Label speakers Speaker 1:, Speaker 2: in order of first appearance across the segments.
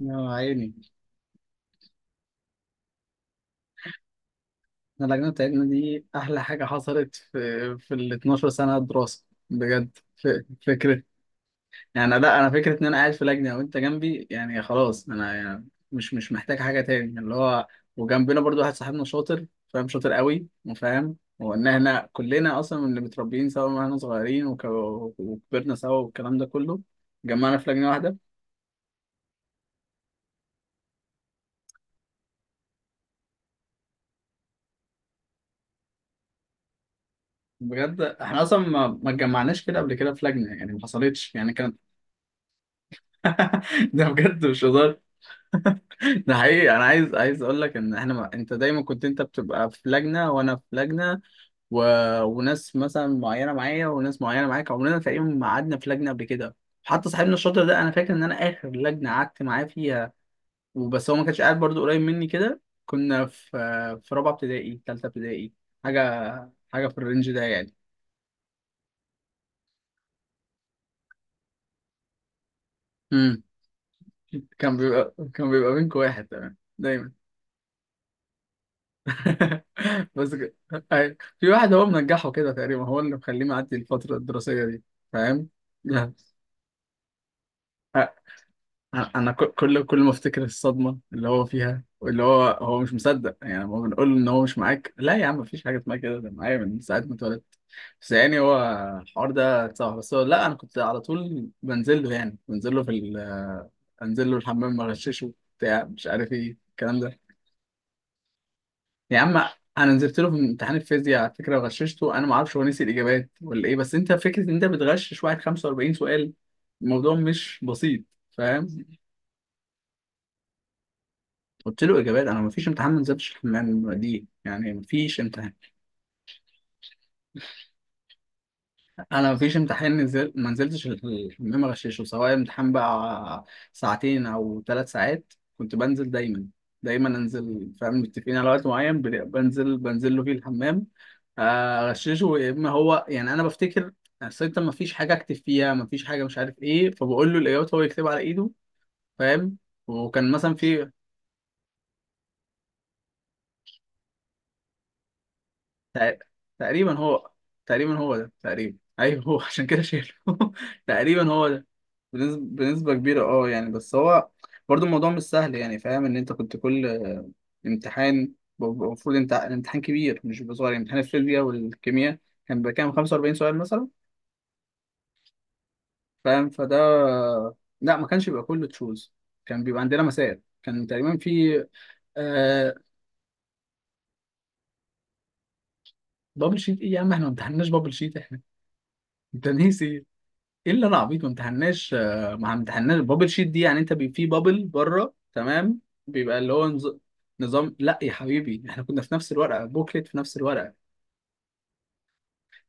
Speaker 1: يا عيني. انا اللجنه بتاعتنا دي احلى حاجه حصلت في ال 12 سنه دراسه بجد فكره. يعني لا، انا فكره ان انا قاعد في لجنه وانت جنبي، يعني خلاص انا يعني مش محتاج حاجه تاني اللي هو. وجنبنا برضو واحد صاحبنا شاطر، فاهم، شاطر قوي وفاهم، وان احنا كلنا اصلا من اللي متربيين سوا من واحنا صغيرين وكبرنا سوا والكلام ده كله، جمعنا في لجنه واحده. بجد احنا اصلا ما اتجمعناش كده قبل كده في لجنه، يعني ما حصلتش يعني كانت. ده بجد مش هزار. ده حقيقي، انا عايز اقول لك ان احنا ما... انت دايما كنت انت بتبقى في لجنه وانا في لجنه، و... وناس مثلا معينه معايا وناس معينه معاك، عمرنا تقريبا ما قعدنا في لجنه قبل كده. حتى صاحبنا الشاطر ده، انا فاكر ان انا اخر لجنه قعدت معاه فيها وبس، هو ما كانش قاعد برضو قريب مني كده، كنا في في رابعه ابتدائي، ثالثه ابتدائي، حاجه، حاجه في الرينج ده يعني. امم. كان بيبقى منكم واحد تمام دايما. بس ك- أي. في واحد هو منجحه كده تقريبا، هو اللي مخليه معدي الفترة الدراسية دي. فاهم؟ لا. أ- أنا كل ما أفتكر الصدمة اللي هو فيها، واللي هو هو مش مصدق، يعني هو بنقول له إن هو مش معاك، لا يا عم مفيش حاجة اسمها كده، ده معايا من ساعة ما اتولدت. بس يعني هو الحوار ده صعب، بس هو لا، أنا كنت على طول بنزل له، يعني بنزل له في ال... أنزل له الحمام أغششه بتاع مش عارف إيه الكلام ده. يا عم انا نزلت له في امتحان الفيزياء على فكره وغششته، انا ما اعرفش هو نسي الاجابات ولا ايه، بس انت فكره ان انت بتغشش واحد 45 سؤال، الموضوع مش بسيط. فاهم؟ قلت له اجابات، انا ما فيش امتحان ما نزلتش الحمام دي، يعني ما فيش. انا مفيش امتحان نزل ما نزلتش الحمام اغششه، سواء امتحان بقى ساعتين او 3 ساعات، كنت بنزل دايما. دايما انزل، فاهم، متفقين على وقت معين، بنزل، بنزل له فيه الحمام، اغششه يا اما هو، يعني انا بفتكر. اصل انت مفيش حاجه اكتب فيها، مفيش حاجه مش عارف ايه، فبقول له الاجابات هو يكتبها على ايده. فاهم؟ وكان مثلا في. تق- تقريبا هو، تقريبا هو ده، تقريبا ايوه هو. عشان كده شايله. تقريبا هو ده. بنسبة، بنسبة كبيرة، اه يعني، بس هو برضو الموضوع مش سهل يعني. فاهم ان انت كنت كل امتحان، المفروض انت الامتحان كبير مش بيبقى صغير، يعني امتحان الفيزياء والكيمياء كان بيبقى كام 45 سؤال مثلا. فاهم؟ فده. لا ما كانش بيبقى كله تشوز، كان بيبقى عندنا مسائل، كان تقريبا في آه. بابل شيت ايه يا عم؟ احنا ما امتحناش بابل شيت احنا، انت ناسي. ايه اللي انا عبيط؟ ما امتحناش ما امتحناش البابل شيت دي، يعني انت بي في بابل بره تمام، بيبقى اللي هو نظ... نظام. لا يا حبيبي، احنا كنا في نفس الورقه بوكلت، في نفس الورقه.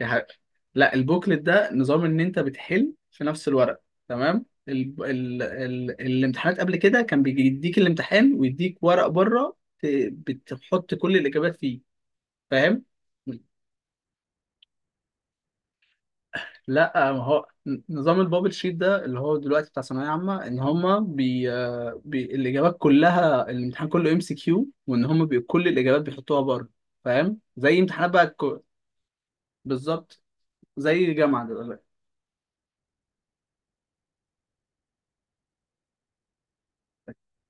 Speaker 1: يا حبيبي، لا البوكلت ده نظام ان انت بتحل في نفس الورقه، تمام. ال... ال... ال... الامتحانات قبل كده كان بيديك الامتحان ويديك ورق بره، ت... بتحط كل الاجابات فيه. فاهم؟ لا ما هو نظام البابل شيت ده اللي هو دلوقتي بتاع ثانويه عامه، ان هما بي... بي... الاجابات كلها الامتحان كله ام سي كيو، وان هما بي... كل الاجابات بيحطوها بره. فاهم؟ زي امتحانات بقى الكو... بالظبط، زي الجامعه دلوقتي.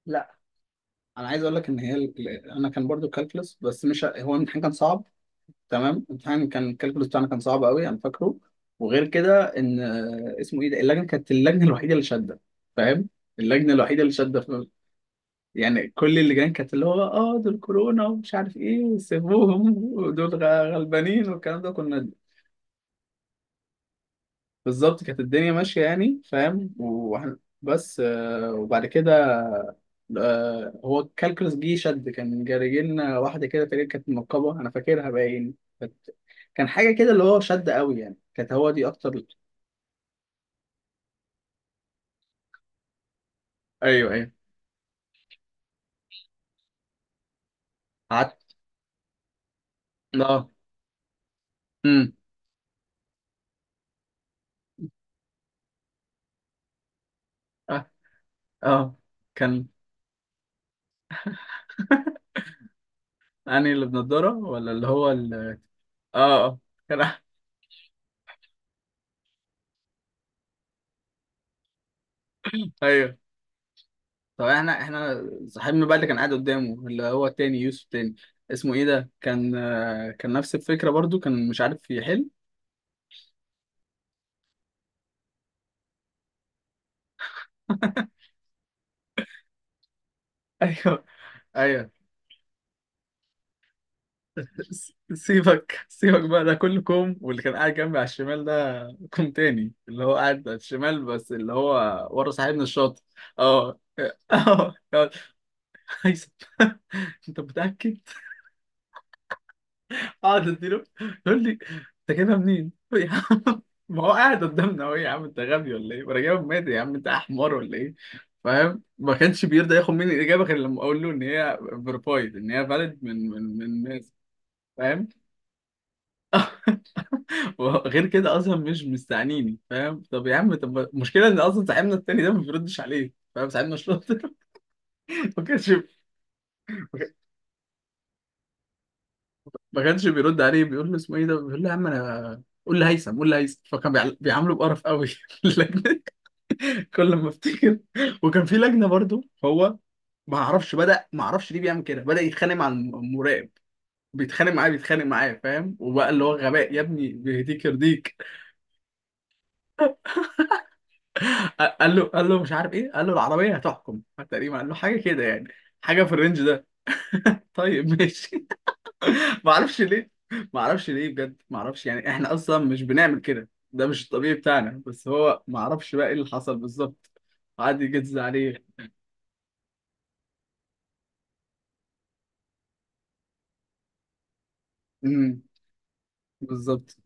Speaker 1: لا، انا عايز اقول لك ان هي ال... انا كان برضو كالكلس، بس مش هو الامتحان كان صعب، تمام. الامتحان كان الكالكلس بتاعنا كان صعب قوي انا فاكره. وغير كده ان اسمه ايه ده، اللجنه كانت اللجنه الوحيده اللي شاده، فاهم؟ اللجنه الوحيده اللي شاده. يعني كل اللي جايين كانت اللي هو اه دول كورونا ومش عارف ايه وسيبوهم ودول غلبانين والكلام ده، كنا. بالظبط كانت الدنيا ماشية يعني، فاهم، وإحنا. بس وبعد كده هو الكالكولس جه شد، كان جاري لنا واحدة كده تقريبا، كانت منقبة، أنا فاكرها باين، كانت كان حاجة كده اللي هو شد قوي يعني، كانت هو دي أكتر. أيوه أيوه، قعدت. اه، امم، اه اه، كان. أنهي؟ اللي بنضارة ولا اللي هو ال؟ اه اه، كان. ايوه، طب احنا، احنا صاحبنا بقى اللي كان قاعد قدامه اللي هو التاني، يوسف تاني، اسمه ايه ده، كان كان نفس الفكره برضو، كان مش عارف يحل. ايوه ايوه، سيبك، سيبك بقى، ده كله كوم، واللي كان قاعد جنبي على الشمال ده كوم تاني. اللي هو قاعد على الشمال بس اللي هو ورا صاحبنا الشاطر. اه اه، يقعد، هيثم. انت متاكد؟ اقعد اديله، يقول لي انت جايبها منين؟ قلت له يا عم ما هو قاعد قدامنا اهو، يا عم انت غبي ولا ايه؟ وانا جايبها مادي، يا عم انت احمر ولا ايه؟ فاهم؟ ما كانش بيرضى ياخد مني الاجابه غير لما اقول له ان هي فيرفايد، ان هي فاليد من ناس. فاهم؟ وغير كده اصلا مش مستعنيني، فاهم؟ طب يا عم، طب المشكله ان اصلا صاحبنا التاني ده ما بيردش عليه، فاهم؟ صاحبنا شاطر. ما كانش ما كانش بيرد عليه، بيقول له اسمه ايه ده؟ بيقول له يا عم انا قول لي هيثم، قول لي هيثم، فكان بيعامله بقرف قوي. كل ما افتكر. وكان في لجنه برضو هو، ما اعرفش بدا، ما اعرفش ليه بيعمل كده، بدا يتخانق مع المراقب، بيتخانق معاه، بيتخانق معاه، فاهم، وبقى اللي هو غباء يا ابني بيهديك يرضيك. قال له، قال له مش عارف ايه، قال له العربيه هتحكم، تقريبا قال له حاجه كده يعني، حاجه في الرينج ده. طيب ماشي. ما اعرفش ليه، ما اعرفش ليه بجد، ما اعرفش، يعني احنا اصلا مش بنعمل كده، ده مش الطبيعي بتاعنا، بس هو ما اعرفش بقى ايه اللي حصل بالظبط، قعد يجز عليه. امم. بالظبط.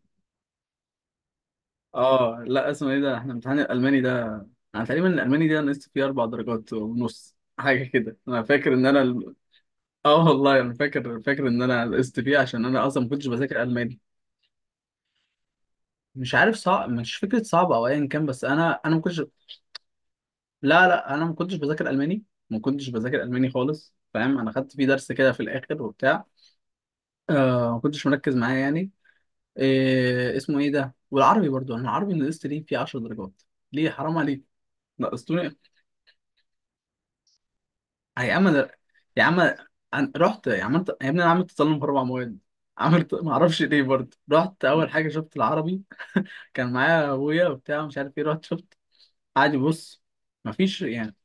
Speaker 1: اه لا، اسمه ايه ده، احنا امتحان الالماني ده، انا تقريبا الالماني ده نقصت فيه 4.5 درجات حاجه كده، انا فاكر ان انا ال. اه والله انا فاكر، فاكر ان انا نقصت فيه عشان انا اصلا ما كنتش بذاكر الماني. مش عارف، صعب مش فكره، صعب او ايا كان، بس انا ما كنتش. لا لا، انا ما كنتش بذاكر الماني، ما كنتش بذاكر الماني خالص، فاهم، انا خدت فيه درس كده في الاخر وبتاع آه، ما كنتش مركز معاه يعني. إيه اسمه ايه ده، والعربي برضو، انا العربي نقصت ليه فيه 10 درجات. ليه؟ حرام عليك، نقصتوني. يا عم انا، يا عم أنا رحت يا عم انت، يا ابني انا عملت تسلم في 4 مواد، عملت. ما اعرفش ليه برضه، رحت اول حاجه شفت العربي، كان معايا ابويا وبتاع مش عارف ايه، رحت شفت، قعد يبص، ما فيش يعني.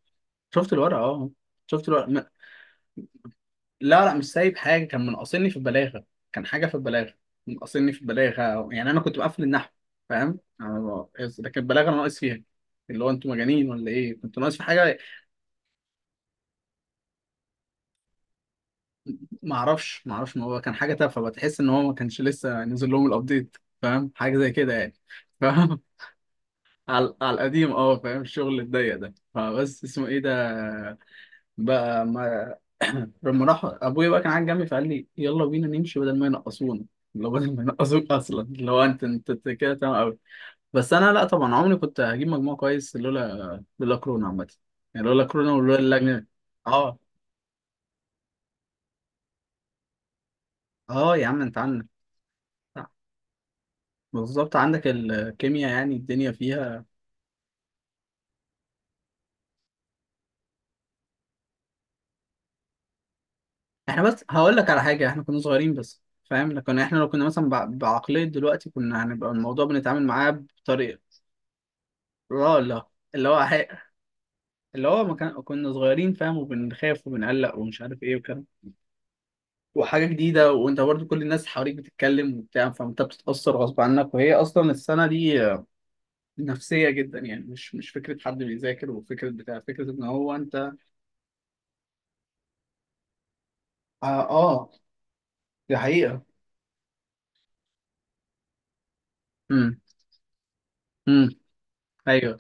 Speaker 1: شفت الورقه، اه شفت الورقه ما... لا لا مش سايب حاجه، كان منقصني في البلاغه، كان حاجه في البلاغه، منقصني في البلاغه، يعني انا كنت مقفل النحو، فاهم، لكن البلاغه أنا ناقص فيها، اللي هو انتوا مجانين ولا ايه؟ كنت ناقص في حاجه؟ ما اعرفش، ما اعرفش، ما هو كان حاجه تافهه، بتحس ان هو ما كانش لسه نزل لهم الابديت، فاهم، حاجه زي كده يعني، فاهم. على، على القديم، اه فاهم، الشغل الضيق ده، فبس اسمه ايه ده، بقى ما. لما راح ابويا بقى، كان قاعد جنبي فقال لي يلا بينا نمشي بدل ما ينقصونا، لو بدل ما ينقصوك اصلا لو انت، انت أنت كده تمام قوي. بس انا لا، طبعا عمري كنت هجيب مجموع كويس لولا، لولا كورونا عامه، يعني لولا كورونا ولولا اللجنه. اه، اه. يا عم انت عنك، بالظبط عندك الكيمياء، يعني الدنيا فيها. احنا بس هقول لك على حاجه، احنا كنا صغيرين بس، فاهم، لكن احنا لو كنا مثلا بعقليه دلوقتي كنا هنبقى الموضوع بنتعامل معاه بطريقه. لا لا، اللي هو حق. اللي هو ما كان كنا صغيرين، فاهم، وبنخاف وبنقلق ومش عارف ايه وكده، وحاجه جديده، وانت برضو كل الناس حواليك بتتكلم وبتاع، فانت بتتاثر غصب عنك. وهي اصلا السنه دي نفسيه جدا يعني، مش فكره حد بيذاكر وفكره بتاع، فكره ان هو انت. اه، آه. دي حقيقه. امم. امم. ايوه.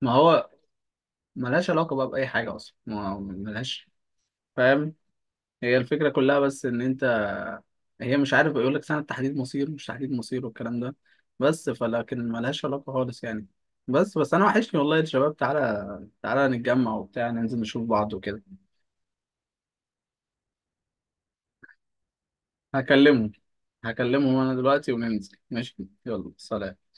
Speaker 1: ما هو ملهاش علاقة بقى بأي حاجة أصلا، ما ملهاش. فاهم؟ هي الفكرة كلها بس إن أنت، هي مش عارف، بيقول لك سنة تحديد مصير، مش تحديد مصير والكلام ده، بس فلكن ملهاش علاقة خالص يعني. بس أنا وحشني والله الشباب، تعالى تعالى نتجمع وبتاع ننزل نشوف بعض وكده. هكلمهم هكلمهم أنا دلوقتي وننزل، ماشي. يلا سلام.